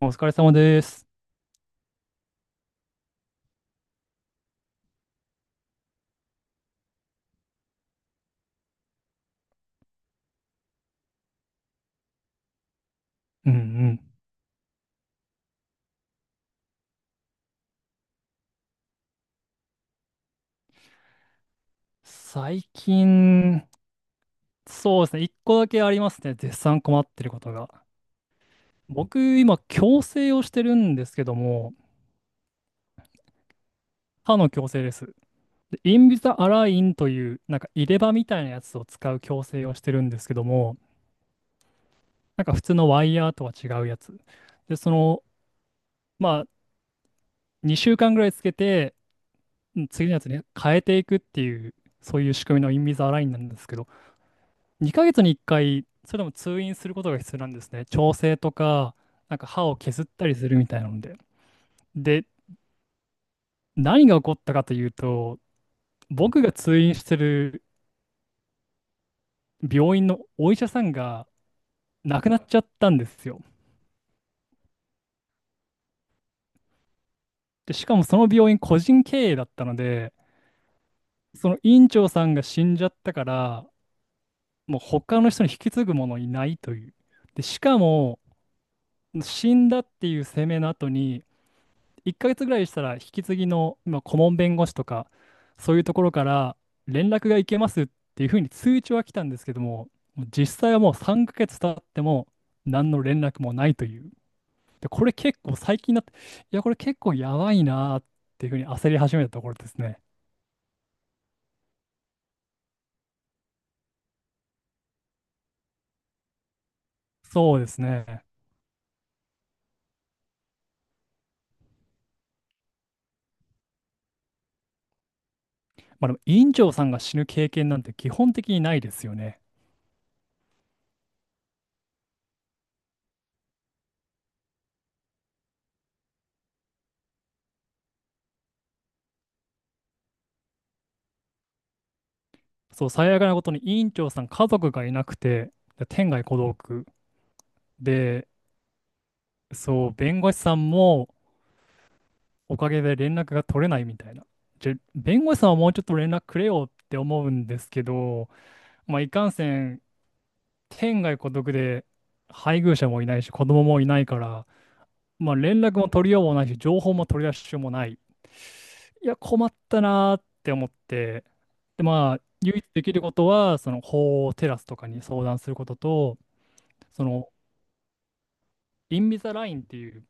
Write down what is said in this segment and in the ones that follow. お疲れ様です。うんうん。最近、そうですね。一個だけありますね。絶賛困ってることが。僕、今、矯正をしてるんですけども、歯の矯正です。で、インビザアラインという、なんか入れ歯みたいなやつを使う矯正をしてるんですけども、なんか普通のワイヤーとは違うやつ。で、その、まあ、2週間ぐらいつけて、うん次のやつに変えていくっていう、そういう仕組みのインビザアラインなんですけど、2ヶ月に1回、それでも通院することが必要なんですね。調整とか、なんか歯を削ったりするみたいなので。で、何が起こったかというと、僕が通院してる病院のお医者さんが亡くなっちゃったんですよ。で、しかもその病院個人経営だったので、その院長さんが死んじゃったから、もう他の人に引き継ぐものいないという。で、しかも、死んだっていう声明の後に、1ヶ月ぐらいしたら引き継ぎの今顧問弁護士とかそういうところから連絡がいけますっていうふうに通知は来たんですけども、もう実際はもう3ヶ月経っても何の連絡もないという。で、これ結構最近になって、いや、これ結構やばいなーっていうふうに焦り始めたところですね。そうですね。まあでも院長さんが死ぬ経験なんて基本的にないですよね。そう、最悪なことに委員長さん家族がいなくて、で天涯孤独で、そう、弁護士さんもおかげで連絡が取れないみたいな。じゃ、弁護士さんはもうちょっと連絡くれよって思うんですけど、まあ、いかんせん、天涯孤独で配偶者もいないし、子供もいないから、まあ、連絡も取りようもないし、情報も取り出しようもない。いや、困ったなーって思って、で、まあ、唯一できることは、その法をテラスとかに相談することと、その、インビザラインっていう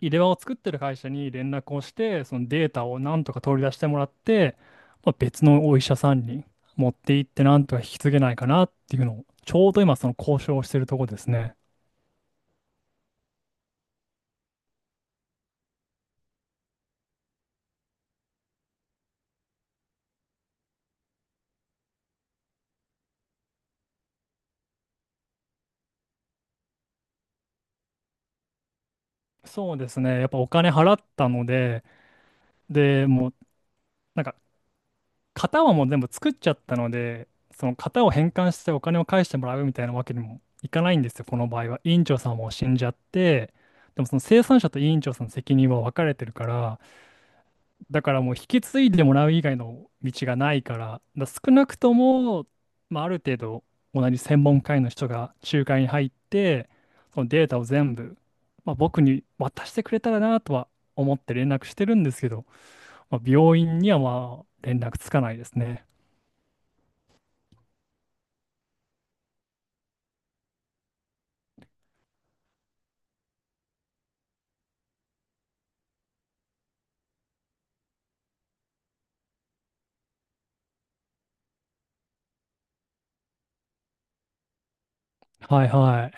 入れ歯を作ってる会社に連絡をして、そのデータをなんとか取り出してもらって、まあ、別のお医者さんに持って行ってなんとか引き継げないかなっていうのを、ちょうど今その交渉をしてるとこですね。そうですね。やっぱお金払ったので、で、もうなんか型はもう全部作っちゃったので、その型を返還してお金を返してもらうみたいなわけにもいかないんですよ、この場合は。委員長さんも死んじゃって、でもその生産者と委員長さんの責任は分かれてるから、だからもう引き継いでもらう以外の道がないから、少なくとも、まあ、ある程度同じ専門家医の人が仲介に入って、そのデータを全部、まあ、僕に渡してくれたらなとは思って連絡してるんですけど、まあ、病院にはまあ連絡つかないですね。はいはい。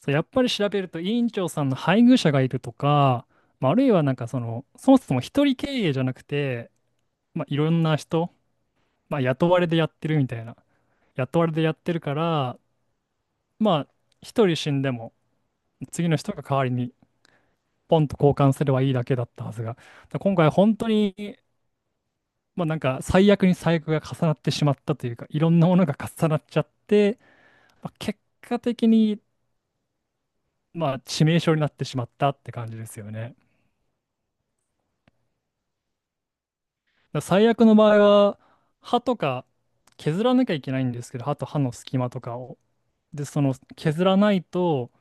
そう、やっぱり調べると委員長さんの配偶者がいるとか、まあ、あるいはなんかその、そもそも一人経営じゃなくて、まあ、いろんな人、まあ、雇われでやってるみたいな。雇われでやってるから、まあ、一人死んでも、次の人が代わりに、ポンと交換すればいいだけだったはずが、だから今回本当に、まあなんか、最悪に最悪が重なってしまったというか、いろんなものが重なっちゃって、まあ、結果的に、まあ、致命傷になってしまったって感じですよね。だから最悪の場合は、歯とか削らなきゃいけないんですけど、歯と歯の隙間とかを。で、その削らないと、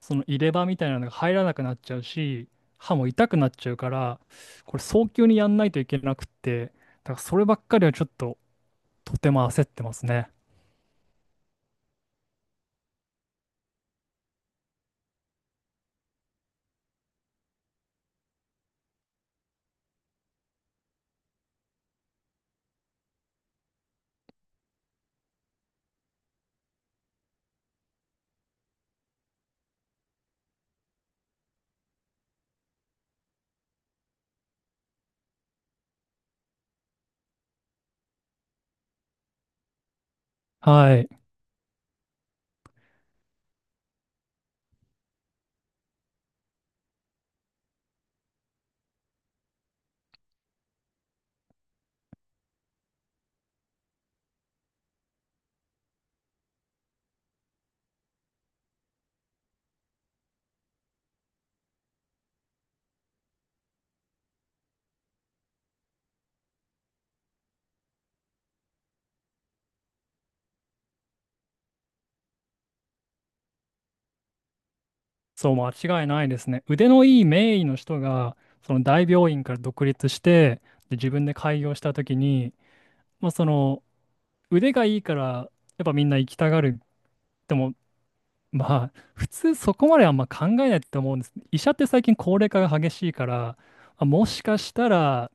その入れ歯みたいなのが入らなくなっちゃうし、歯も痛くなっちゃうから、これ早急にやんないといけなくって、だからそればっかりはちょっととても焦ってますね。はい。そう、間違いないですね。腕のいい名医の人が、その大病院から独立して、で、自分で開業したときに、まあその腕がいいから、やっぱみんな行きたがる。でも、まあ、普通そこまであんま考えないって思うんです。医者って最近高齢化が激しいから、まあもしかしたら、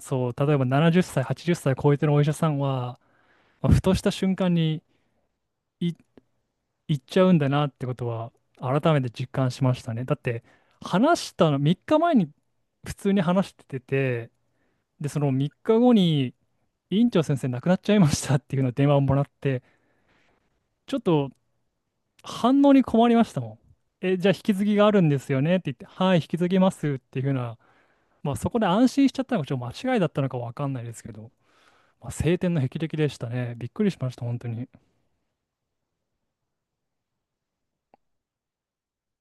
そう、例えば70歳、80歳超えてるお医者さんは、まあふとした瞬間にい行っちゃうんだなってことは、改めて実感しましたね。だって、話したの、3日前に普通に話してて、で、その3日後に、院長先生亡くなっちゃいましたっていうのを電話をもらって、ちょっと反応に困りましたもん。え、じゃあ引き継ぎがあるんですよねって言って、はい、引き継ぎますっていうふうな、まあそこで安心しちゃったのがちょっと間違いだったのかわかんないですけど、まあ、晴天の霹靂でしたね。びっくりしました、本当に。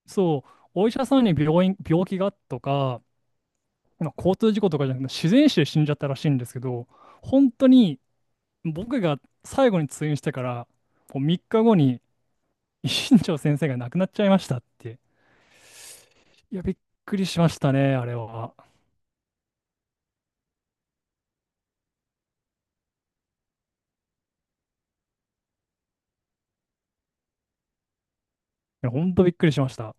そう、お医者さんに病院、病気がとか、まあ、交通事故とかじゃなくて、自然死で死んじゃったらしいんですけど、本当に僕が最後に通院してから、もう3日後に、一新長先生が亡くなっちゃいましたって。いや、びっくりしましたね、あれは。や、ほんとびっくりしました。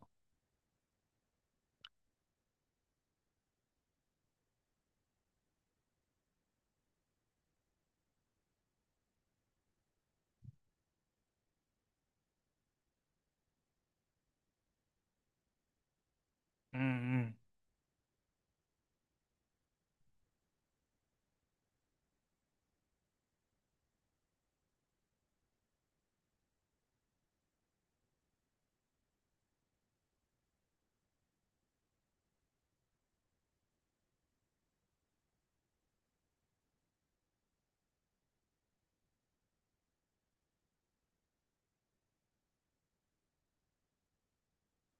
うんうん。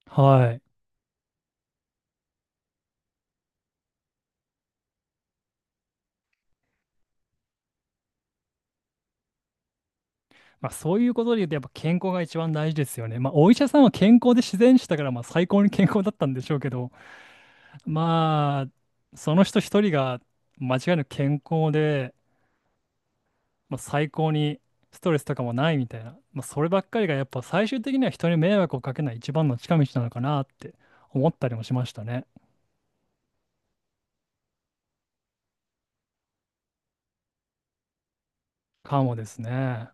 はい。まあそういうことで言うとやっぱ健康が一番大事ですよね。まあお医者さんは健康で自然死だからまあ最高に健康だったんでしょうけど、まあその人一人が間違いなく健康でまあ、最高にストレスとかもないみたいな、まあ、そればっかりがやっぱ最終的には人に迷惑をかけない一番の近道なのかなって思ったりもしましたね。かもですね。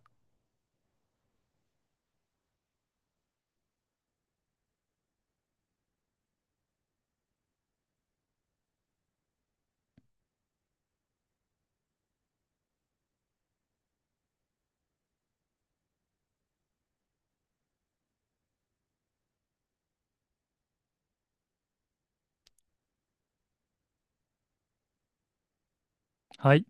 はい。